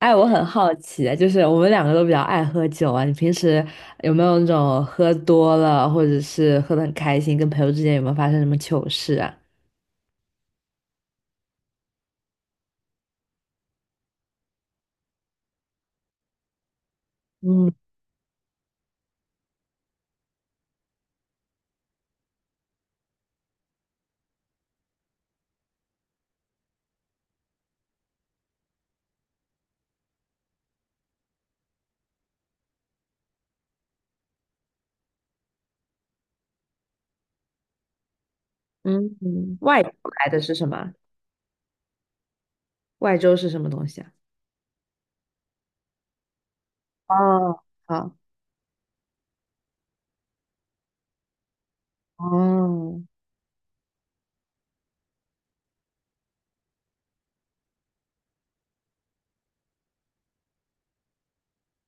哎，我很好奇，就是我们两个都比较爱喝酒啊，你平时有没有那种喝多了，或者是喝得很开心，跟朋友之间有没有发生什么糗事啊？嗯嗯，外州来的是什么？外州是什么东西啊？哦，好，哦，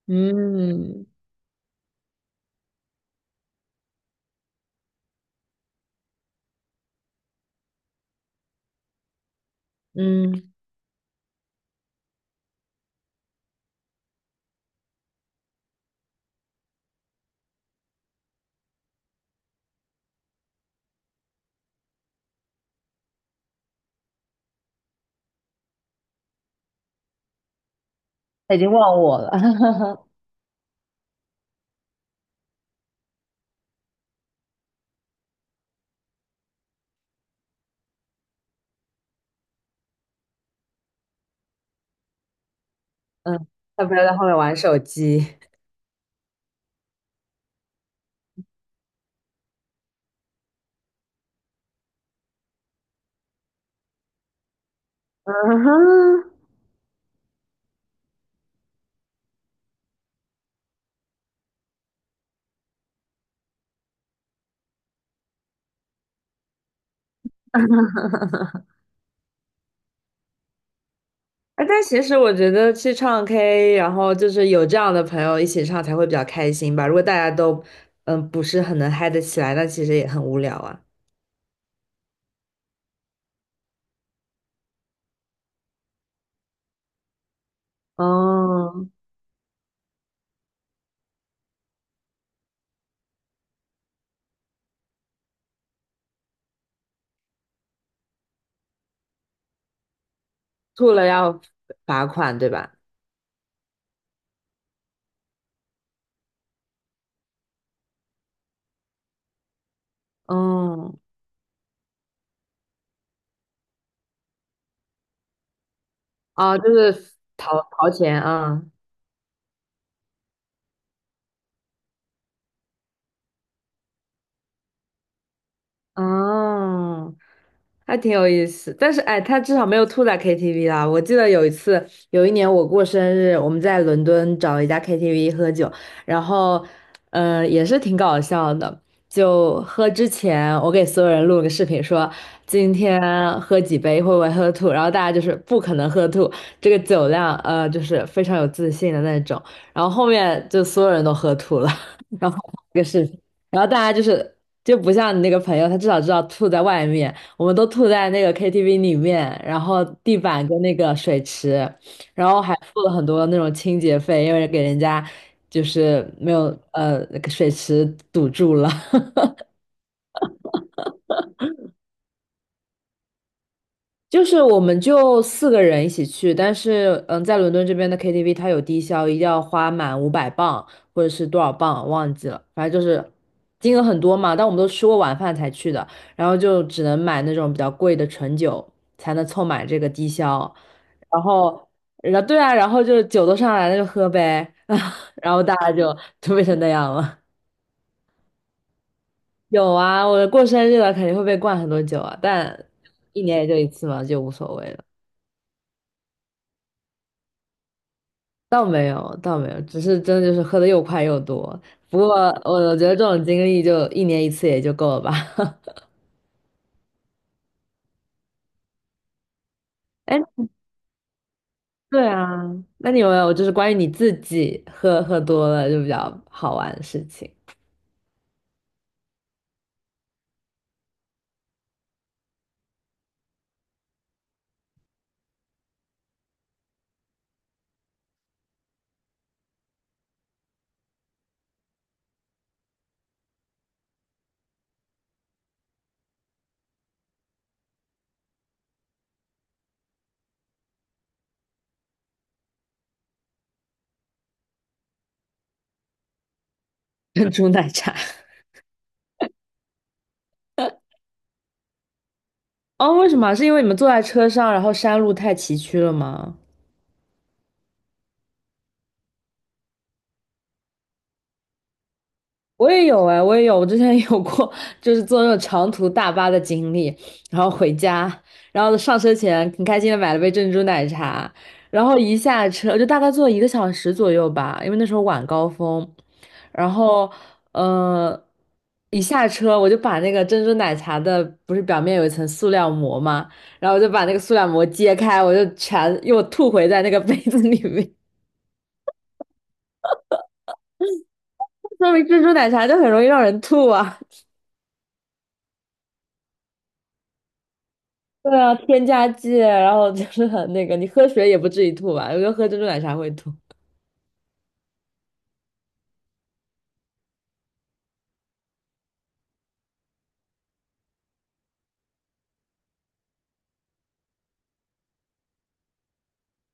嗯嗯，他已经忘我了。嗯，他不要在后面玩手机。嗯哼。哎，但其实我觉得去唱 K，然后就是有这样的朋友一起唱才会比较开心吧。如果大家都不是很能嗨得起来，那其实也很无聊啊。哦，吐了要罚款，对吧？嗯，啊，就是掏钱啊。哦，还挺有意思。但是哎，他至少没有吐在 KTV 啦。我记得有一次，有一年我过生日，我们在伦敦找了一家 KTV 喝酒，然后，也是挺搞笑的。就喝之前，我给所有人录了个视频说，今天喝几杯会不会喝吐，然后大家就是不可能喝吐，这个酒量，就是非常有自信的那种。然后后面就所有人都喝吐了。然后这个视频。然后大家就是就不像你那个朋友，他至少知道吐在外面，我们都吐在那个 KTV 里面，然后地板跟那个水池，然后还付了很多那种清洁费，因为给人家就是没有那个水池堵住了。就是我们就4个人一起去，但是嗯，在伦敦这边的 KTV 它有低消，一定要花满500磅或者是多少磅忘记了，反正就是金额很多嘛。但我们都吃过晚饭才去的，然后就只能买那种比较贵的纯酒才能凑满这个低消。然后，然后对啊，然后就酒都上来了就喝呗。然后大家就就变成那样了。有啊，我过生日了肯定会被灌很多酒啊，但一年也就一次嘛，就无所谓了。倒没有，倒没有，只是真的就是喝的又快又多。不过我觉得这种经历就一年一次也就够了吧。哎，对啊，那你有没有就是关于你自己喝多了就比较好玩的事情？珍珠奶茶。哦，为什么？是因为你们坐在车上，然后山路太崎岖了吗？我也有哎，我也有，我之前有过，就是坐那种长途大巴的经历，然后回家，然后上车前很开心的买了杯珍珠奶茶，然后一下车就大概坐1个小时左右吧，因为那时候晚高峰，然后呃，一下车我就把那个珍珠奶茶的不是表面有一层塑料膜嘛，然后我就把那个塑料膜揭开，我就全又吐回在那个杯子里面。说明珍珠奶茶就很容易让人吐啊。对啊，添加剂，然后就是很那个，你喝水也不至于吐吧？觉得喝珍珠奶茶会吐。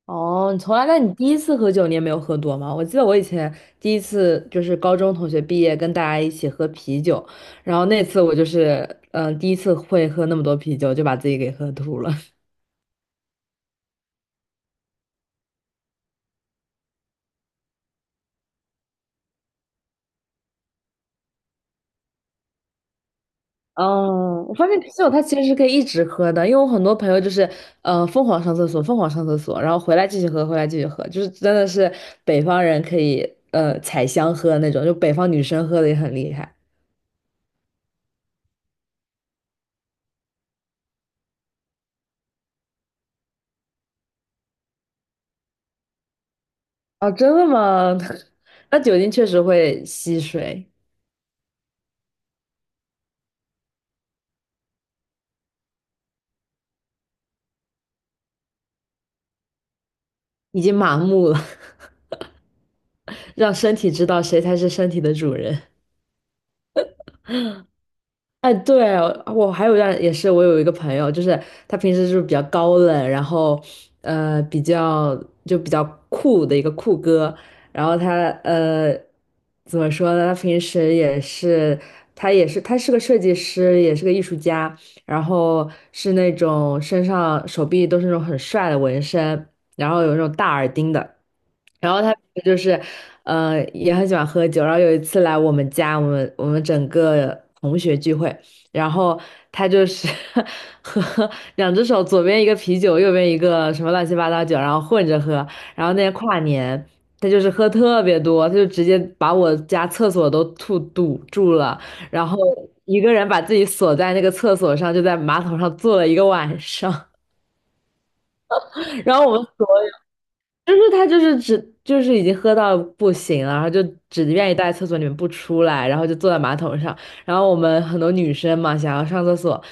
哦，你从来，那你第一次喝酒你也没有喝多吗？我记得我以前第一次就是高中同学毕业跟大家一起喝啤酒，然后那次我就是第一次会喝那么多啤酒，就把自己给喝吐了。哦，我发现啤酒它其实是可以一直喝的，因为我很多朋友就是，疯狂上厕所，疯狂上厕所，然后回来继续喝，回来继续喝，就是真的是北方人可以，采香喝那种，就北方女生喝的也很厉害。哦，真的吗？那酒精确实会吸水，已经麻木了。让身体知道谁才是身体的主人。哎，对，我还有一段也是，我有一个朋友，就是他平时就是比较高冷，然后比较就比较酷的一个酷哥，然后他怎么说呢？他平时也是他是个设计师，也是个艺术家，然后是那种身上手臂都是那种很帅的纹身，然后有那种大耳钉的，然后他就是，也很喜欢喝酒。然后有一次来我们家，我们整个同学聚会，然后他就是 喝两只手，左边一个啤酒，右边一个什么乱七八糟酒，然后混着喝。然后那天跨年，他就是喝特别多，他就直接把我家厕所都吐堵住了，然后一个人把自己锁在那个厕所上，就在马桶上坐了一个晚上。然后我们就是他就是只就是已经喝到不行了，然后就只愿意待在厕所里面不出来，然后就坐在马桶上。然后我们很多女生嘛，想要上厕所，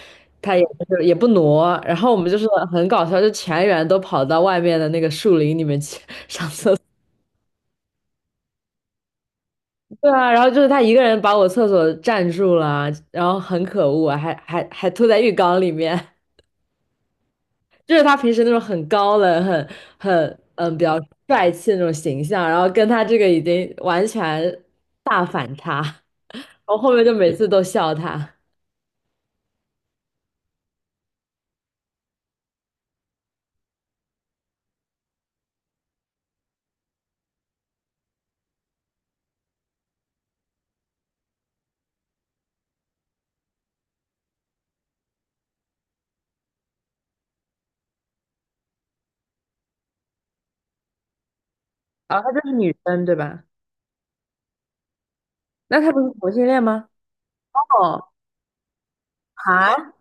他也就是也不挪，然后我们就是很搞笑，就全员都跑到外面的那个树林里面去。对啊，然后就是他一个人把我厕所占住了，然后很可恶啊还吐在浴缸里面。就是他平时那种很高冷、很很比较帅气的那种形象，然后跟他这个已经完全大反差。我后面就每次都笑他。啊，她就是女生对吧？那她不是同性恋吗？哦，啊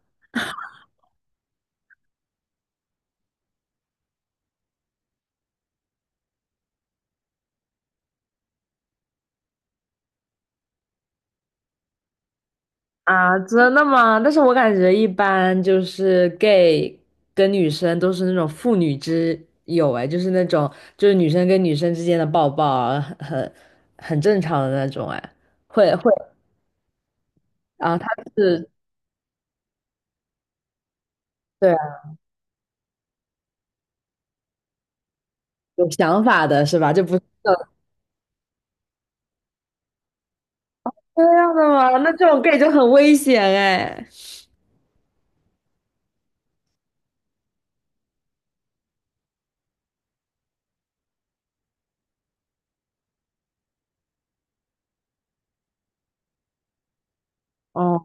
啊，真的吗？但是我感觉一般就是 gay 跟女生都是那种父女之友，哎，就是那种就是女生跟女生之间的抱抱啊，很很正常的那种，哎，会会啊，他是对啊，有想法的是吧？就不是这样的吗？那这种 gay 就很危险哎。哦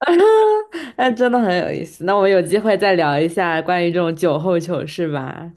哎，真的很有意思。那我们有机会再聊一下关于这种酒后糗事吧。